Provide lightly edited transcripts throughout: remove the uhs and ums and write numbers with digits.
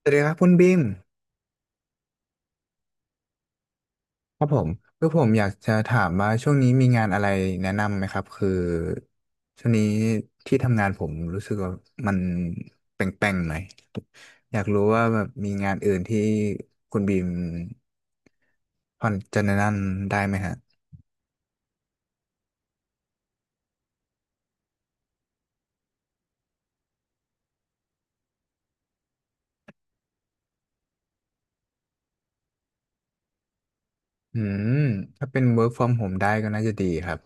สวัสดีครับคุณบิมครับผมคือผมอยากจะถามว่าช่วงนี้มีงานอะไรแนะนำไหมครับคือช่วงนี้ที่ทำงานผมรู้สึกว่ามันแป่งๆหน่อยอยากรู้ว่าแบบมีงานอื่นที่คุณบีมพอจะแนะนำได้ไหมฮะอืมถ้าเป็น work from home ได้ก็น่าจะดีครับ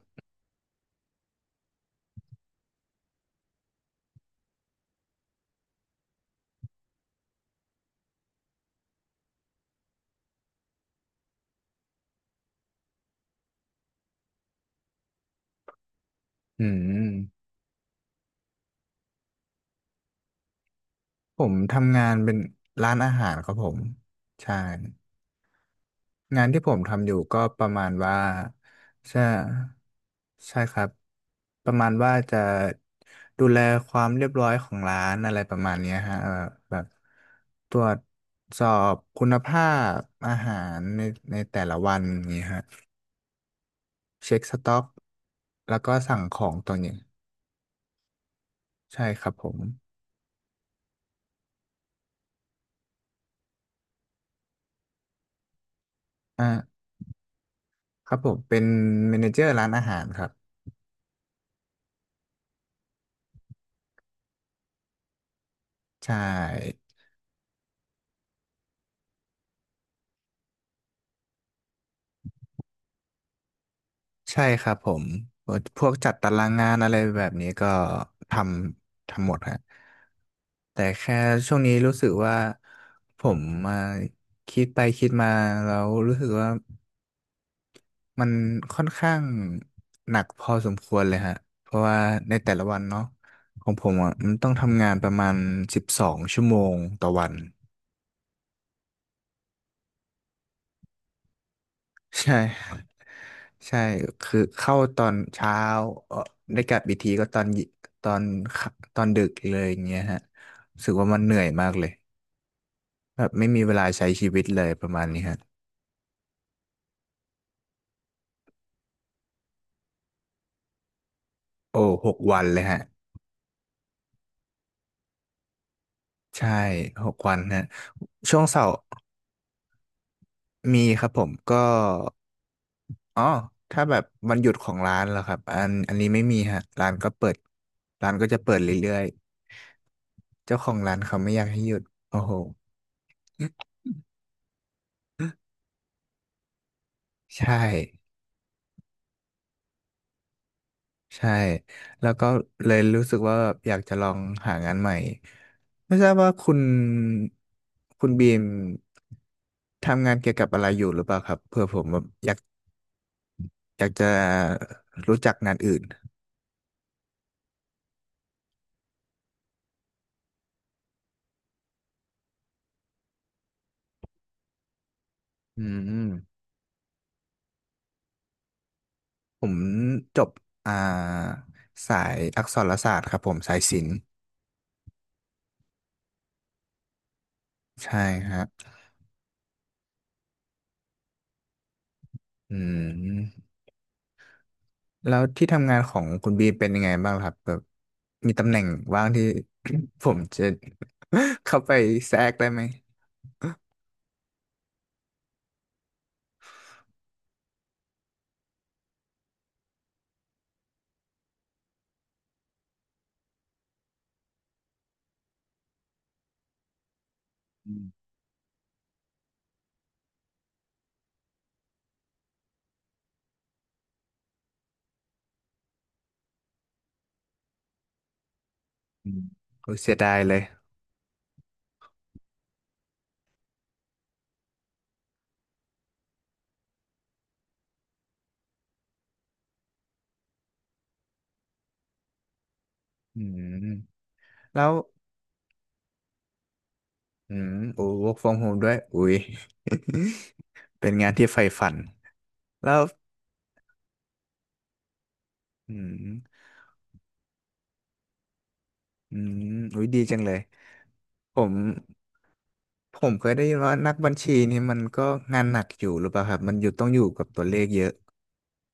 อืมผมทำงานเป็นร้านอาหารครับผมใช่ งานที่ผมทำอยู่ก็ประมาณว่าใช่ใช่ครับประมาณว่าจะดูแลความเรียบร้อยของร้านอะไรประมาณเนี้ยฮะแบบตรวจสอบคุณภาพอาหารในแต่ละวันอย่างนี้ฮะเช็คสต็อกแล้วก็สั่งของตัวนี้ใช่ครับผมอ่าครับผมเป็นเมเนเจอร์ร้านอาหารครับใช่ ใช่ครับผมพวกจัดตารางงานอะไรแบบนี้ก็ททำหมดฮะแต่แค่ช่วงนี้รู้สึกว่าผมมาคิดไปคิดมาแล้วรู้สึกว่ามันค่อนข้างหนักพอสมควรเลยฮะเพราะว่าในแต่ละวันเนาะของผมอ่ะมันต้องทำงานประมาณ12 ชั่วโมงต่อวัน ใช่ ใช่คือเข้าตอนเช้าเออได้กลับอีกทีก็ตอนค่ำตอนดึกเลยอย่างเงี้ยฮะรู้สึกว่ามันเหนื่อยมากเลยแบบไม่มีเวลาใช้ชีวิตเลยประมาณนี้ฮะโอ้หกวันเลยฮะใช่หกวันฮะช่วงเสาร์มีครับผมก็อ๋อถ้าแบบวันหยุดของร้านเหรอครับอันนี้ไม่มีฮะร้านก็เปิดร้านก็จะเปิดเรื่อยๆเจ้าของร้านเขาไม่อยากให้หยุดโอ้โหใช่ ใช่แล้วก็เลยรู้สึกว่าแบบอยากจะลองหางานใหม่ไม่ทราบว่าคุณบีมทำงานเกี่ยวกับอะไรอยู่หรือเปล่าครับเผื่อผมแบบอยากจะรู้จักงานอื่นอืมผมจบอ่าสายอักษรศาสตร์ครับผมสายศิลป์ใช่ฮะอืมแล้วที่ทำงานของคุณบีเป็นยังไงบ้างครับแบบมีตำแหน่งว่างที่ ผมจะ เข้าไปแทรกได้ไหม อืมอืมโอ้ยเสียดายเลยอืมแล้วอืมโอ้ work from home ด้วยอุ้ย เป็นงานที่ใฝ่ฝันแล้วอืมอืมอุ้ยดีจังเลยผมเคยได้ยินว่านักบัญชีนี่มันก็งานหนักอยู่หรือเปล่าครับมันอยู่ต้องอยู่กับตัวเลขเยอะ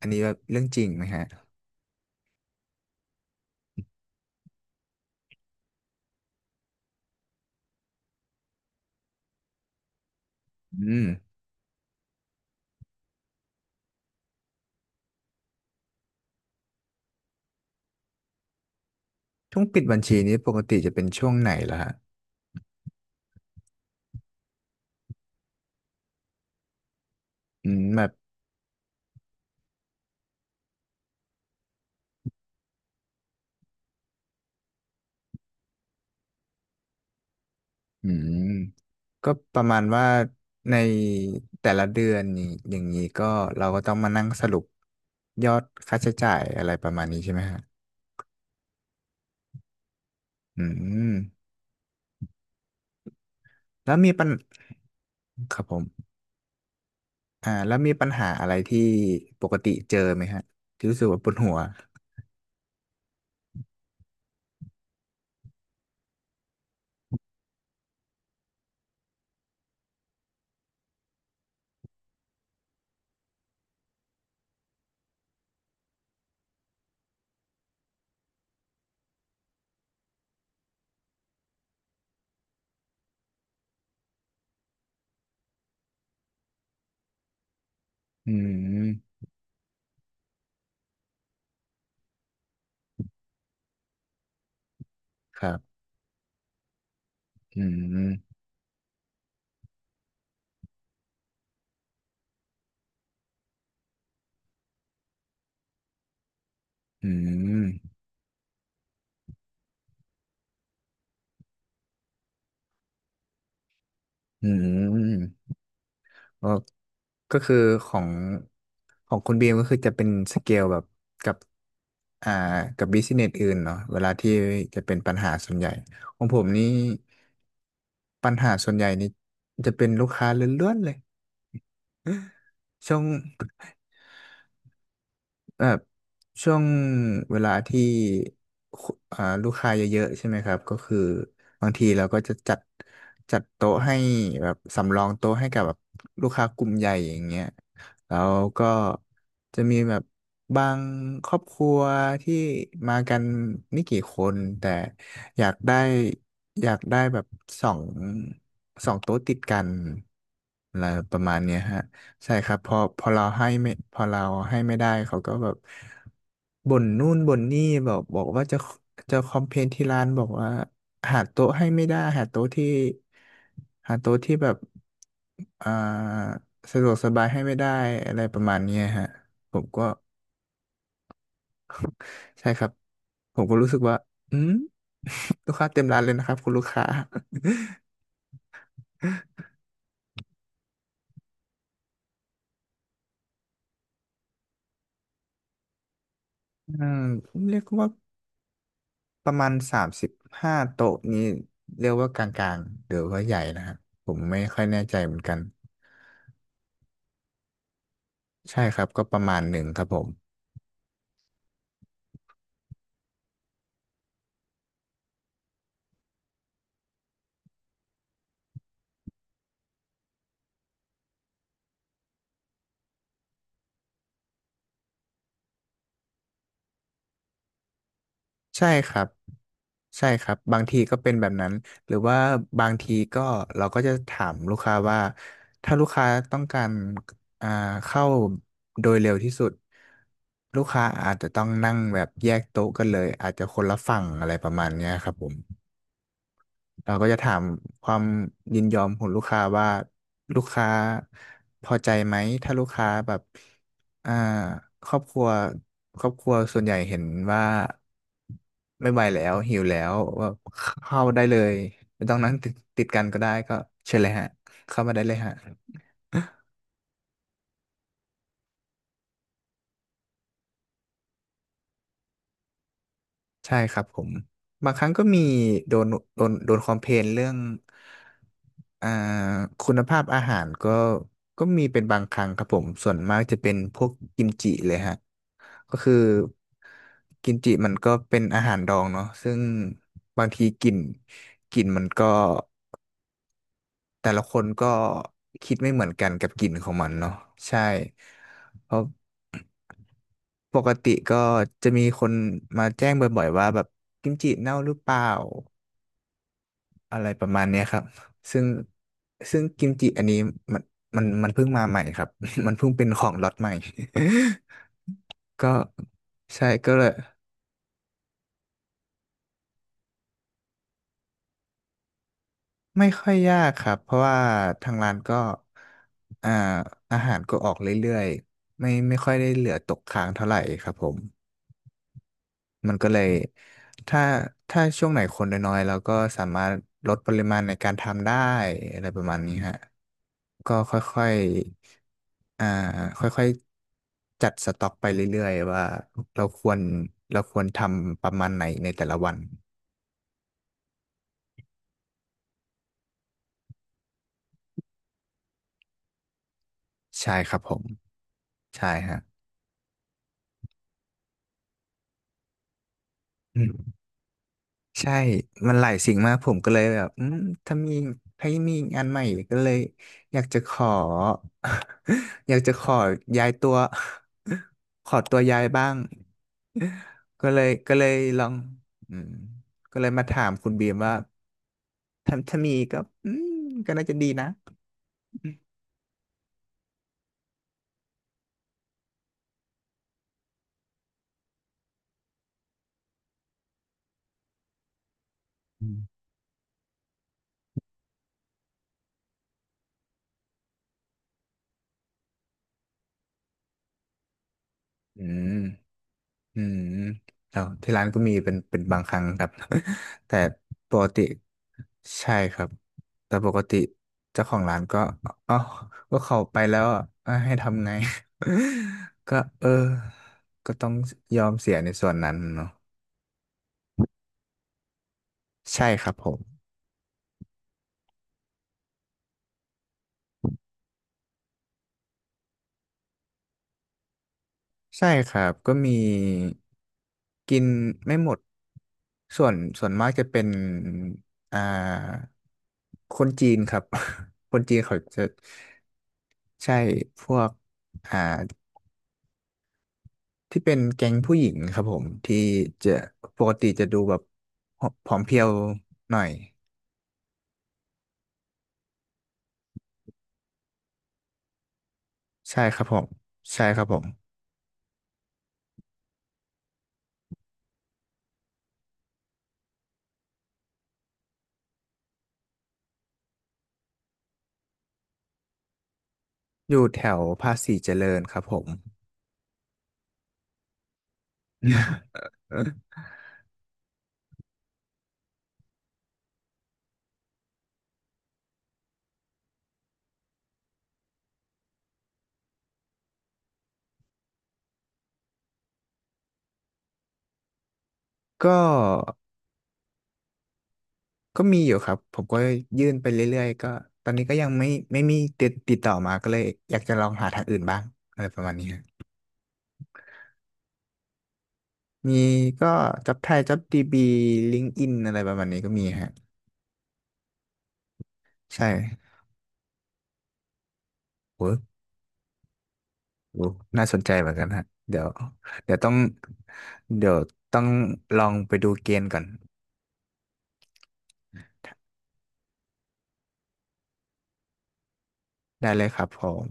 อันนี้แบบเรื่องจริงไหมฮะอืมช่วงปิดบัญชีนี้ปกติจะเป็นช่วงไหนล่ะฮะอืมแบบอืม ก็ประมาณว่าในแต่ละเดือนนี่อย่างนี้ก็เราก็ต้องมานั่งสรุปยอดค่าใช้จ่ายอะไรประมาณนี้ใช่ไหมฮะอืมแล้วมีปัญครับผมแล้วมีปัญหาอะไรที่ปกติเจอไหมฮะที่รู้สึกว่าปวดหัวอืมครับอืมอืมอืม เออก็คือของคุณบีมก็คือจะเป็นสเกลแบบกับอ่ากับบิสเนสอื่นเนาะเวลาที่จะเป็นปัญหาส่วนใหญ่ของผมนี่ปัญหาส่วนใหญ่นี่จะเป็นลูกค้าล้วนๆเลยช่วง แบบช่วงเวลาที่คุอ่าลูกค้าเยอะๆใช่ไหมครับก็คือบางทีเราก็จะจัดโต๊ะให้แบบสำรองโต๊ะให้กับแบบลูกค้ากลุ่มใหญ่อย่างเงี้ยแล้วก็จะมีแบบบางครอบครัวที่มากันไม่กี่คนแต่อยากได้อยากได้แบบสองสองโต๊ะติดกันอะไรประมาณเนี้ยฮะ ใช่ครับพอเราให้ไม่พอเราให้ไม่ได้เขาก็แบบบ่นนู่นบ่นนี่บอกว่าจะคอมเพลนที่ร้านบอกว่าหาโต๊ะให้ไม่ได้หาโต๊ะที่หาโต๊ะที่แบบอ่าสะดวกสบายให้ไม่ได้อะไรประมาณเนี้ยฮะผมก็ ใช่ครับผมก็รู้สึกว่าอืมลูกค้าเต็มร้านเลยนะครับคุณลูกค้า อืมเรียกว่า ประมาณ35 โต๊ะนี้เรียกว่ากลางๆหรือว่าใหญ่นะครับผมไม่ค่อยแน่ใจเหมือนกันใช่ครับก็ประมาณหนึ่งครับผมใช่ครับใช่ครับบางทีก็เป็นแบบนั้นหรือว่าบางทีก็เราก็จะถามลูกค้าว่าถ้าลูกค้าต้องการอ่าเข้าโดยเร็วที่สุดลูกค้าอาจจะต้องนั่งแบบแยกโต๊ะกันเลยอาจจะคนละฝั่งอะไรประมาณเนี้ยครับผม เราก็จะถามความยินยอมของลูกค้าว่าลูกค้าพอใจไหมถ้าลูกค้าแบบอ่าครอบครัวส่วนใหญ่เห็นว่าไม่ไหวแล้วหิวแล้วว่าเข้าได้เลยไม่ต้องนั่งติดกันก็ได้ก็เชิญเลยฮะเข้ามาได้เลยฮะ ใช่ครับผมบางครั้งก็มีโดนโดนคอมเพลนเรื่องอ่าคุณภาพอาหารก็ก็มีเป็นบางครั้งครับผมส่วนมากจะเป็นพวกกิมจิเลยฮะก็คือกิมจิมันก็เป็นอาหารดองเนาะซึ่งบางทีกลิ่นมันก็แต่ละคนก็คิดไม่เหมือนกันกับกลิ่นของมันเนาะใช่เพราะปกติก็จะมีคนมาแจ้งบ่อยๆว่าแบบกิมจิเน่าหรือเปล่า อะไรประมาณเนี้ยครับซึ่งซึ่งกิมจิอันนี้มันมันเพิ่งมาใหม่ครับ มันเพิ่งเป็นของล็อตใหม่ ก็ใช่ก็เลยไม่ค่อยยากครับ เพราะว่าทางร้านก็อ่าอาหารก็ออกเรื่อยๆไม่ค่อยได้เหลือตกค้างเท่าไหร่ครับผม มันก็เลยถ้าถ้าช่วงไหนคนน้อยๆเราก็สามารถลดปริมาณในการทำได้อะไรประมาณนี้ฮะก็ค่อยๆค่อยๆจัดสต็อกไปเรื่อยๆว่าเราควรเราควรทำประมาณไหนในแต่ละวันใช่ครับผมใช่ฮะ ใช่มันหลายสิ่งมากผมก็เลยแบบอืมถ้ามีถ้ามีงานใหม่ก็เลยอยากจะขอ อยากจะขอย้ายตัว ขอตัวย้ายบ้างก็เลยลองอืมก็เลยมาถามคุณบีมว่าถ้ามีก็อืมก็น่าจะดีนะอืมอืม อืมแล้วที่ร้านก็มีเป็นบางครั้งครับ แต่ปกติใช่ครับแต่ปกติเจ้าของร้านก็อ๋อก็เขาไปแล้วอ่ะเอ้ยให้ทำไง ก็เออก็ต้องยอมเสียในส่วนนั้นเนาะใช่ครับผม ใช่ครับก็มีกินไม่หมดส่วนมากจะเป็นอ่าคนจีนครับ คนจีนเขาจะใช่พวกอ่าที่เป็นแก๊งผู้หญิงครับผมที่จะปกติจะดูแบบผอมเพรียวหน่อยใช่ครับผมใช่ครับผมอยู่แถวภาษีเจริญครับผม ก็ ก็มีอยู่ครับผมก็ยื่นไปเรื่อยๆก็ตอนนี้ก็ยังไม่ไม่มีติดต่อมาก็เลยอยากจะลองหาทางอื่นบ้างอะไรประมาณนี้ฮะมีก็จับไทยจับดีบีลิงก์อินอะไรประมาณนี้ก็มีฮะใช่โอ้โหน่าสนใจเหมือนกันฮะเดี๋ยวเดี๋ยวต้องเดี๋ยวต้องลองไปดูเกณฑ์ก่อนได้เลยครับผม